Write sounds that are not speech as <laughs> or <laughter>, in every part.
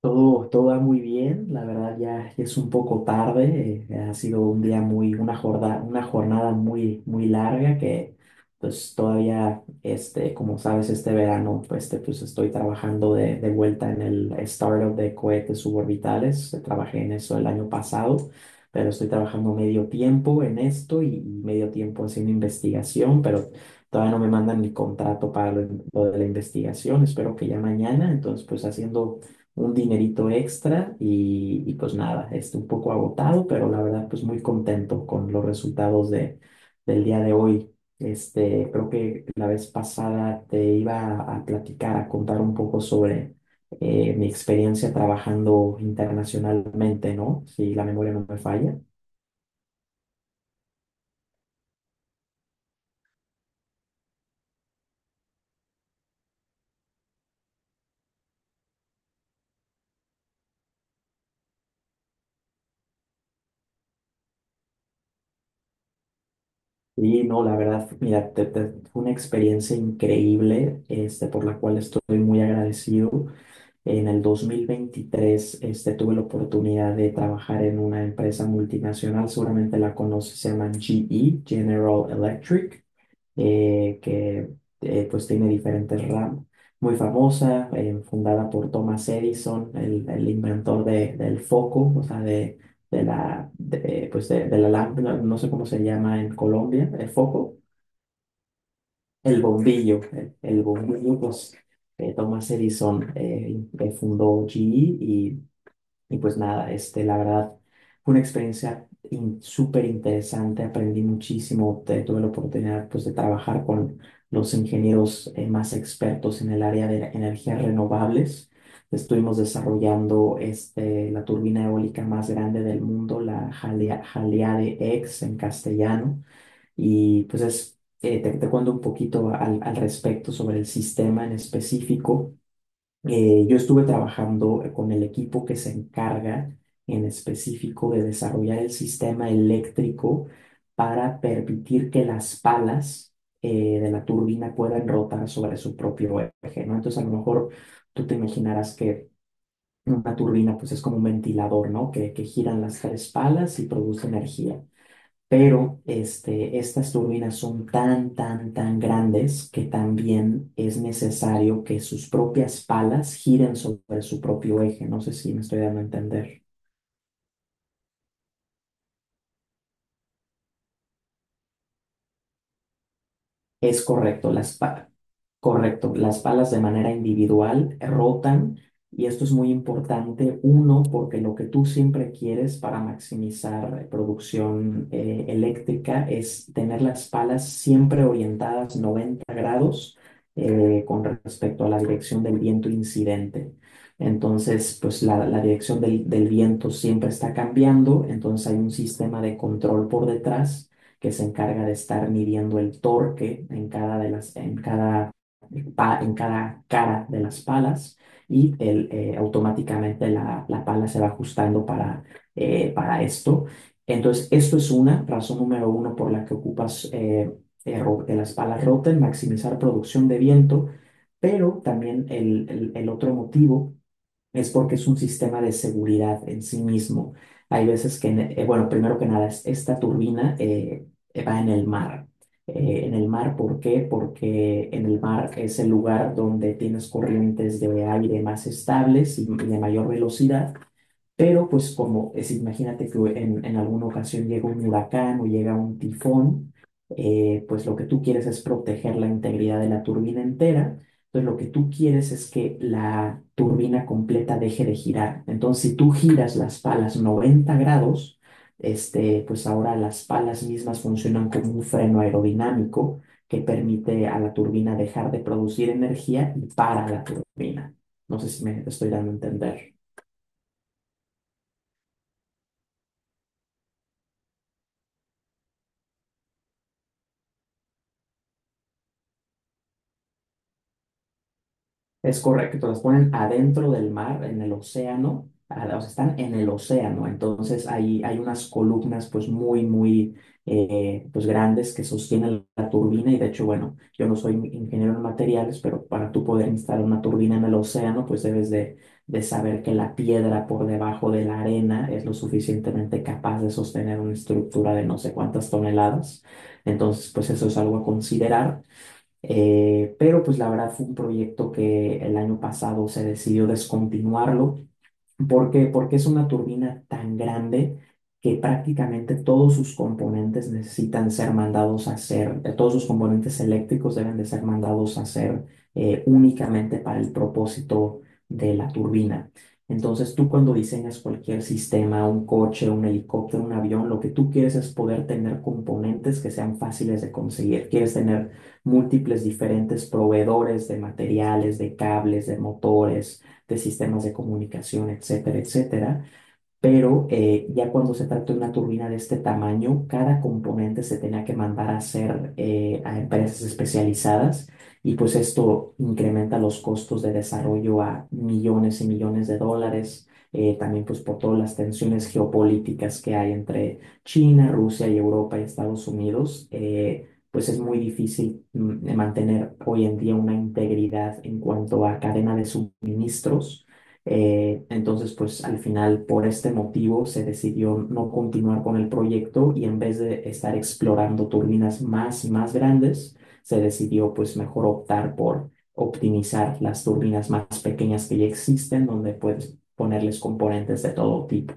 Todo va muy bien, la verdad ya es un poco tarde, ha sido un día, una jornada muy, muy larga que pues todavía, como sabes, este verano pues estoy trabajando de vuelta en el startup de cohetes suborbitales, trabajé en eso el año pasado, pero estoy trabajando medio tiempo en esto y medio tiempo haciendo investigación, pero todavía no me mandan el contrato para lo de la investigación, espero que ya mañana, entonces pues haciendo un dinerito extra y pues nada, un poco agotado, pero la verdad pues muy contento con los resultados del día de hoy. Este, creo que la vez pasada te iba a contar un poco sobre mi experiencia trabajando internacionalmente, ¿no? Si la memoria no me falla. Y no, la verdad, mira, fue una experiencia increíble, por la cual estoy muy agradecido. En el 2023 tuve la oportunidad de trabajar en una empresa multinacional, seguramente la conoces, se llama GE, General Electric, que pues tiene diferentes ramas. Muy famosa, fundada por Thomas Edison, el inventor del foco, o sea, pues de la lámpara, no sé cómo se llama en Colombia, el foco, el bombillo, el bombillo, pues Thomas Edison fundó GE y pues nada, la verdad, fue una experiencia súper interesante, aprendí muchísimo, tuve la oportunidad pues de trabajar con los ingenieros más expertos en el área de energías renovables. Estuvimos desarrollando la turbina eólica más grande del mundo, la Jaleade X en castellano. Y pues te cuento un poquito al respecto sobre el sistema en específico. Yo estuve trabajando con el equipo que se encarga en específico de desarrollar el sistema eléctrico para permitir que las palas de la turbina puedan rotar sobre su propio eje, ¿no? Entonces, a lo mejor tú te imaginarás que una turbina, pues, es como un ventilador, ¿no? Que giran las tres palas y produce energía, pero estas turbinas son tan, tan, tan grandes que también es necesario que sus propias palas giren sobre su propio eje. No sé si me estoy dando a entender. Es correcto, correcto, las palas de manera individual rotan, y esto es muy importante. Uno, porque lo que tú siempre quieres para maximizar producción eléctrica es tener las palas siempre orientadas 90 grados con respecto a la dirección del viento incidente. Entonces, pues la dirección del viento siempre está cambiando, entonces hay un sistema de control por detrás que se encarga de estar midiendo el torque en cada cara de las palas, y automáticamente la pala se va ajustando para esto. Entonces, esto es una razón número uno por la que ocupas de las palas Rotten, maximizar producción de viento, pero también el otro motivo es porque es un sistema de seguridad en sí mismo. Hay veces que, bueno, primero que nada, esta turbina va en el mar. En el mar, ¿por qué? Porque en el mar es el lugar donde tienes corrientes de aire más estables y de mayor velocidad, pero pues imagínate que en alguna ocasión llega un huracán o llega un tifón. Eh, pues lo que tú quieres es proteger la integridad de la turbina entera. Entonces lo que tú quieres es que la turbina completa deje de girar. Entonces, si tú giras las palas 90 grados, pues ahora las palas mismas funcionan como un freno aerodinámico que permite a la turbina dejar de producir energía y para la turbina. No sé si me estoy dando a entender. Es correcto, las ponen adentro del mar, en el océano, o sea, están en el océano, entonces ahí hay unas columnas pues muy, muy pues grandes que sostienen la turbina. Y de hecho, bueno, yo no soy ingeniero en materiales, pero para tú poder instalar una turbina en el océano pues debes de saber que la piedra por debajo de la arena es lo suficientemente capaz de sostener una estructura de no sé cuántas toneladas, entonces pues eso es algo a considerar. Pero pues la verdad fue un proyecto que el año pasado se decidió descontinuarlo. ¿Por qué? Porque es una turbina tan grande que prácticamente todos sus componentes necesitan ser mandados a hacer, todos sus componentes eléctricos deben de ser mandados a hacer únicamente para el propósito de la turbina. Entonces, tú cuando diseñas cualquier sistema, un coche, un helicóptero, un avión, lo que tú quieres es poder tener componentes que sean fáciles de conseguir. Quieres tener múltiples diferentes proveedores de materiales, de cables, de motores, de sistemas de comunicación, etcétera, etcétera. Pero ya cuando se trata de una turbina de este tamaño, cada componente se tenía que mandar a hacer a empresas especializadas, y pues esto incrementa los costos de desarrollo a millones y millones de dólares. También pues por todas las tensiones geopolíticas que hay entre China, Rusia y Europa y Estados Unidos, pues es muy difícil mantener hoy en día una integridad en cuanto a cadena de suministros. Eh, entonces, pues al final, por este motivo, se decidió no continuar con el proyecto, y en vez de estar explorando turbinas más y más grandes, se decidió pues mejor optar por optimizar las turbinas más pequeñas que ya existen, donde puedes ponerles componentes de todo tipo.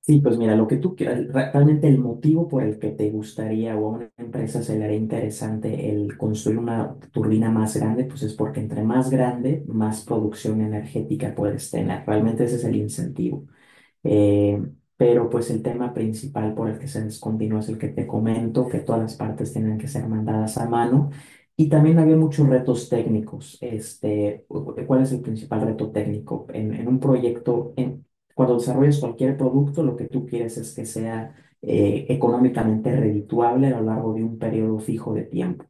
Sí, pues mira, lo que tú quieras, realmente el motivo por el que te gustaría, o a una empresa se le haría interesante, el construir una turbina más grande pues es porque entre más grande, más producción energética puedes tener. Realmente ese es el incentivo. Eh, pero pues el tema principal por el que se descontinuó es el que te comento, que todas las partes tenían que ser mandadas a mano. Y también había muchos retos técnicos. ¿Cuál es el principal reto técnico? En un proyecto, cuando desarrollas cualquier producto, lo que tú quieres es que sea económicamente redituable a lo largo de un periodo fijo de tiempo.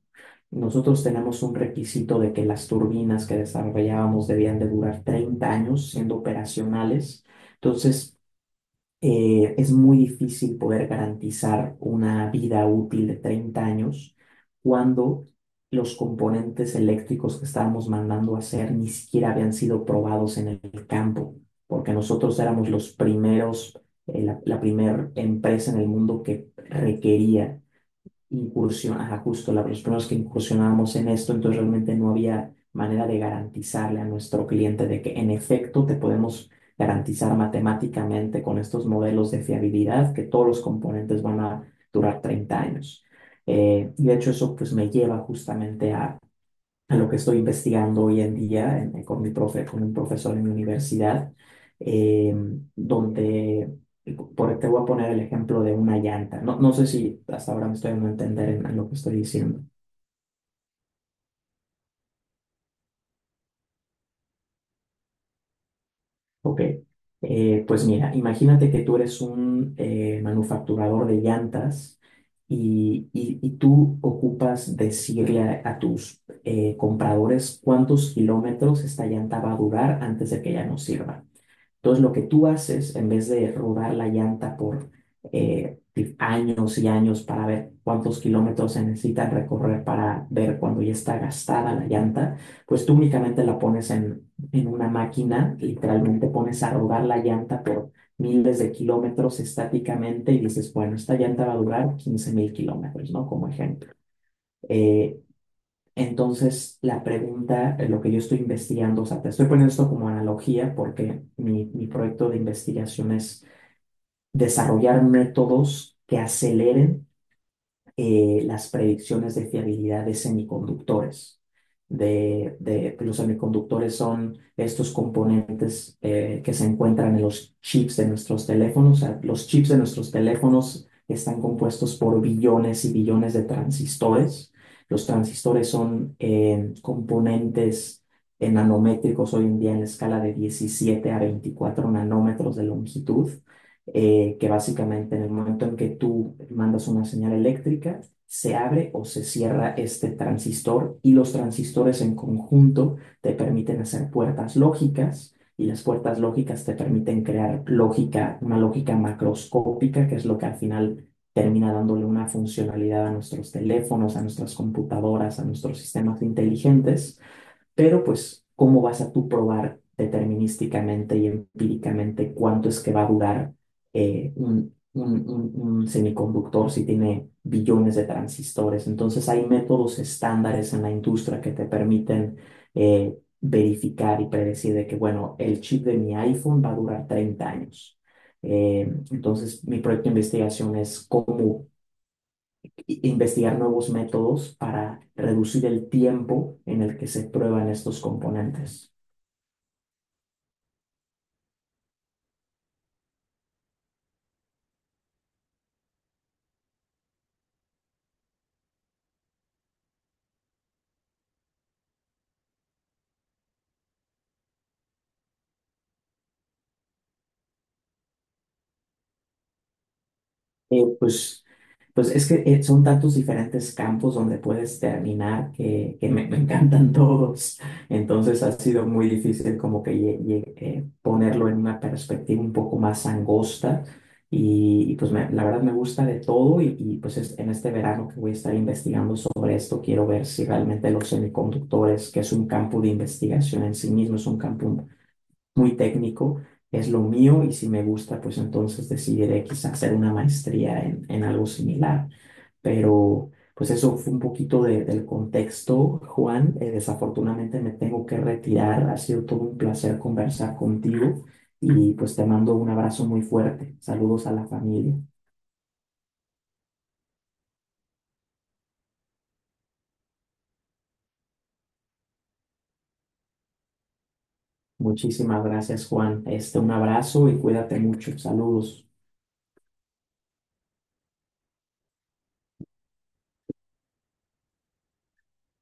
Nosotros tenemos un requisito de que las turbinas que desarrollábamos debían de durar 30 años siendo operacionales. Entonces, es muy difícil poder garantizar una vida útil de 30 años cuando los componentes eléctricos que estábamos mandando a hacer ni siquiera habían sido probados en el campo, porque nosotros éramos los primeros, la primera empresa en el mundo que requería incursión, ajá, justo los primeros que incursionábamos en esto, entonces realmente no había manera de garantizarle a nuestro cliente de que en efecto te podemos garantizar matemáticamente con estos modelos de fiabilidad que todos los componentes van a durar 30 años. Y de hecho eso pues me lleva justamente a en lo que estoy investigando hoy en día, con mi profe, con un profesor en mi universidad, eh, donde, te voy a poner el ejemplo de una llanta. No, no sé si hasta ahora me estoy dando a entender en lo que estoy diciendo. Ok, pues mira, imagínate que tú eres un manufacturador de llantas, y tú ocupas decirle a tus compradores cuántos kilómetros esta llanta va a durar antes de que ya no sirva. Entonces, lo que tú haces, en vez de rodar la llanta por eh, años y años para ver cuántos kilómetros se necesitan recorrer para ver cuando ya está gastada la llanta, pues tú únicamente la pones en una máquina, literalmente pones a rodar la llanta por miles de kilómetros estáticamente y dices, bueno, esta llanta va a durar 15,000 kilómetros, ¿no? Como ejemplo. Eh, entonces, la pregunta, lo que yo estoy investigando, o sea, te estoy poniendo esto como analogía porque mi proyecto de investigación es desarrollar métodos que aceleren las predicciones de fiabilidad de semiconductores. Los semiconductores son estos componentes que se encuentran en los chips de nuestros teléfonos. O sea, los chips de nuestros teléfonos están compuestos por billones y billones de transistores. Los transistores son componentes nanométricos hoy en día en la escala de 17 a 24 nanómetros de longitud, que básicamente en el momento en que tú mandas una señal eléctrica, se abre o se cierra este transistor, y los transistores en conjunto te permiten hacer puertas lógicas, y las puertas lógicas te permiten crear lógica, una lógica macroscópica, que es lo que al final termina dándole una funcionalidad a nuestros teléfonos, a nuestras computadoras, a nuestros sistemas inteligentes. Pero pues, ¿cómo vas a tú probar determinísticamente y empíricamente cuánto es que va a durar un semiconductor si tiene billones de transistores? Entonces, hay métodos estándares en la industria que te permiten verificar y predecir de que, bueno, el chip de mi iPhone va a durar 30 años. Eh, entonces, mi proyecto de investigación es cómo investigar nuevos métodos para reducir el tiempo en el que se prueban estos componentes. Pues Pues es que son tantos diferentes campos donde puedes terminar que me encantan <laughs> todos. Entonces ha sido muy difícil como que ponerlo en una perspectiva un poco más angosta. Y, pues la verdad me gusta de todo, y pues en este verano que voy a estar investigando sobre esto, quiero ver si realmente los semiconductores, que es un campo de investigación en sí mismo, es un campo muy técnico, es lo mío, y si me gusta, pues entonces decidiré quizás hacer una maestría en algo similar. Pero pues eso fue un poquito del contexto, Juan. Desafortunadamente me tengo que retirar. Ha sido todo un placer conversar contigo, y pues te mando un abrazo muy fuerte. Saludos a la familia. Muchísimas gracias, Juan. Este, un abrazo y cuídate mucho. Saludos.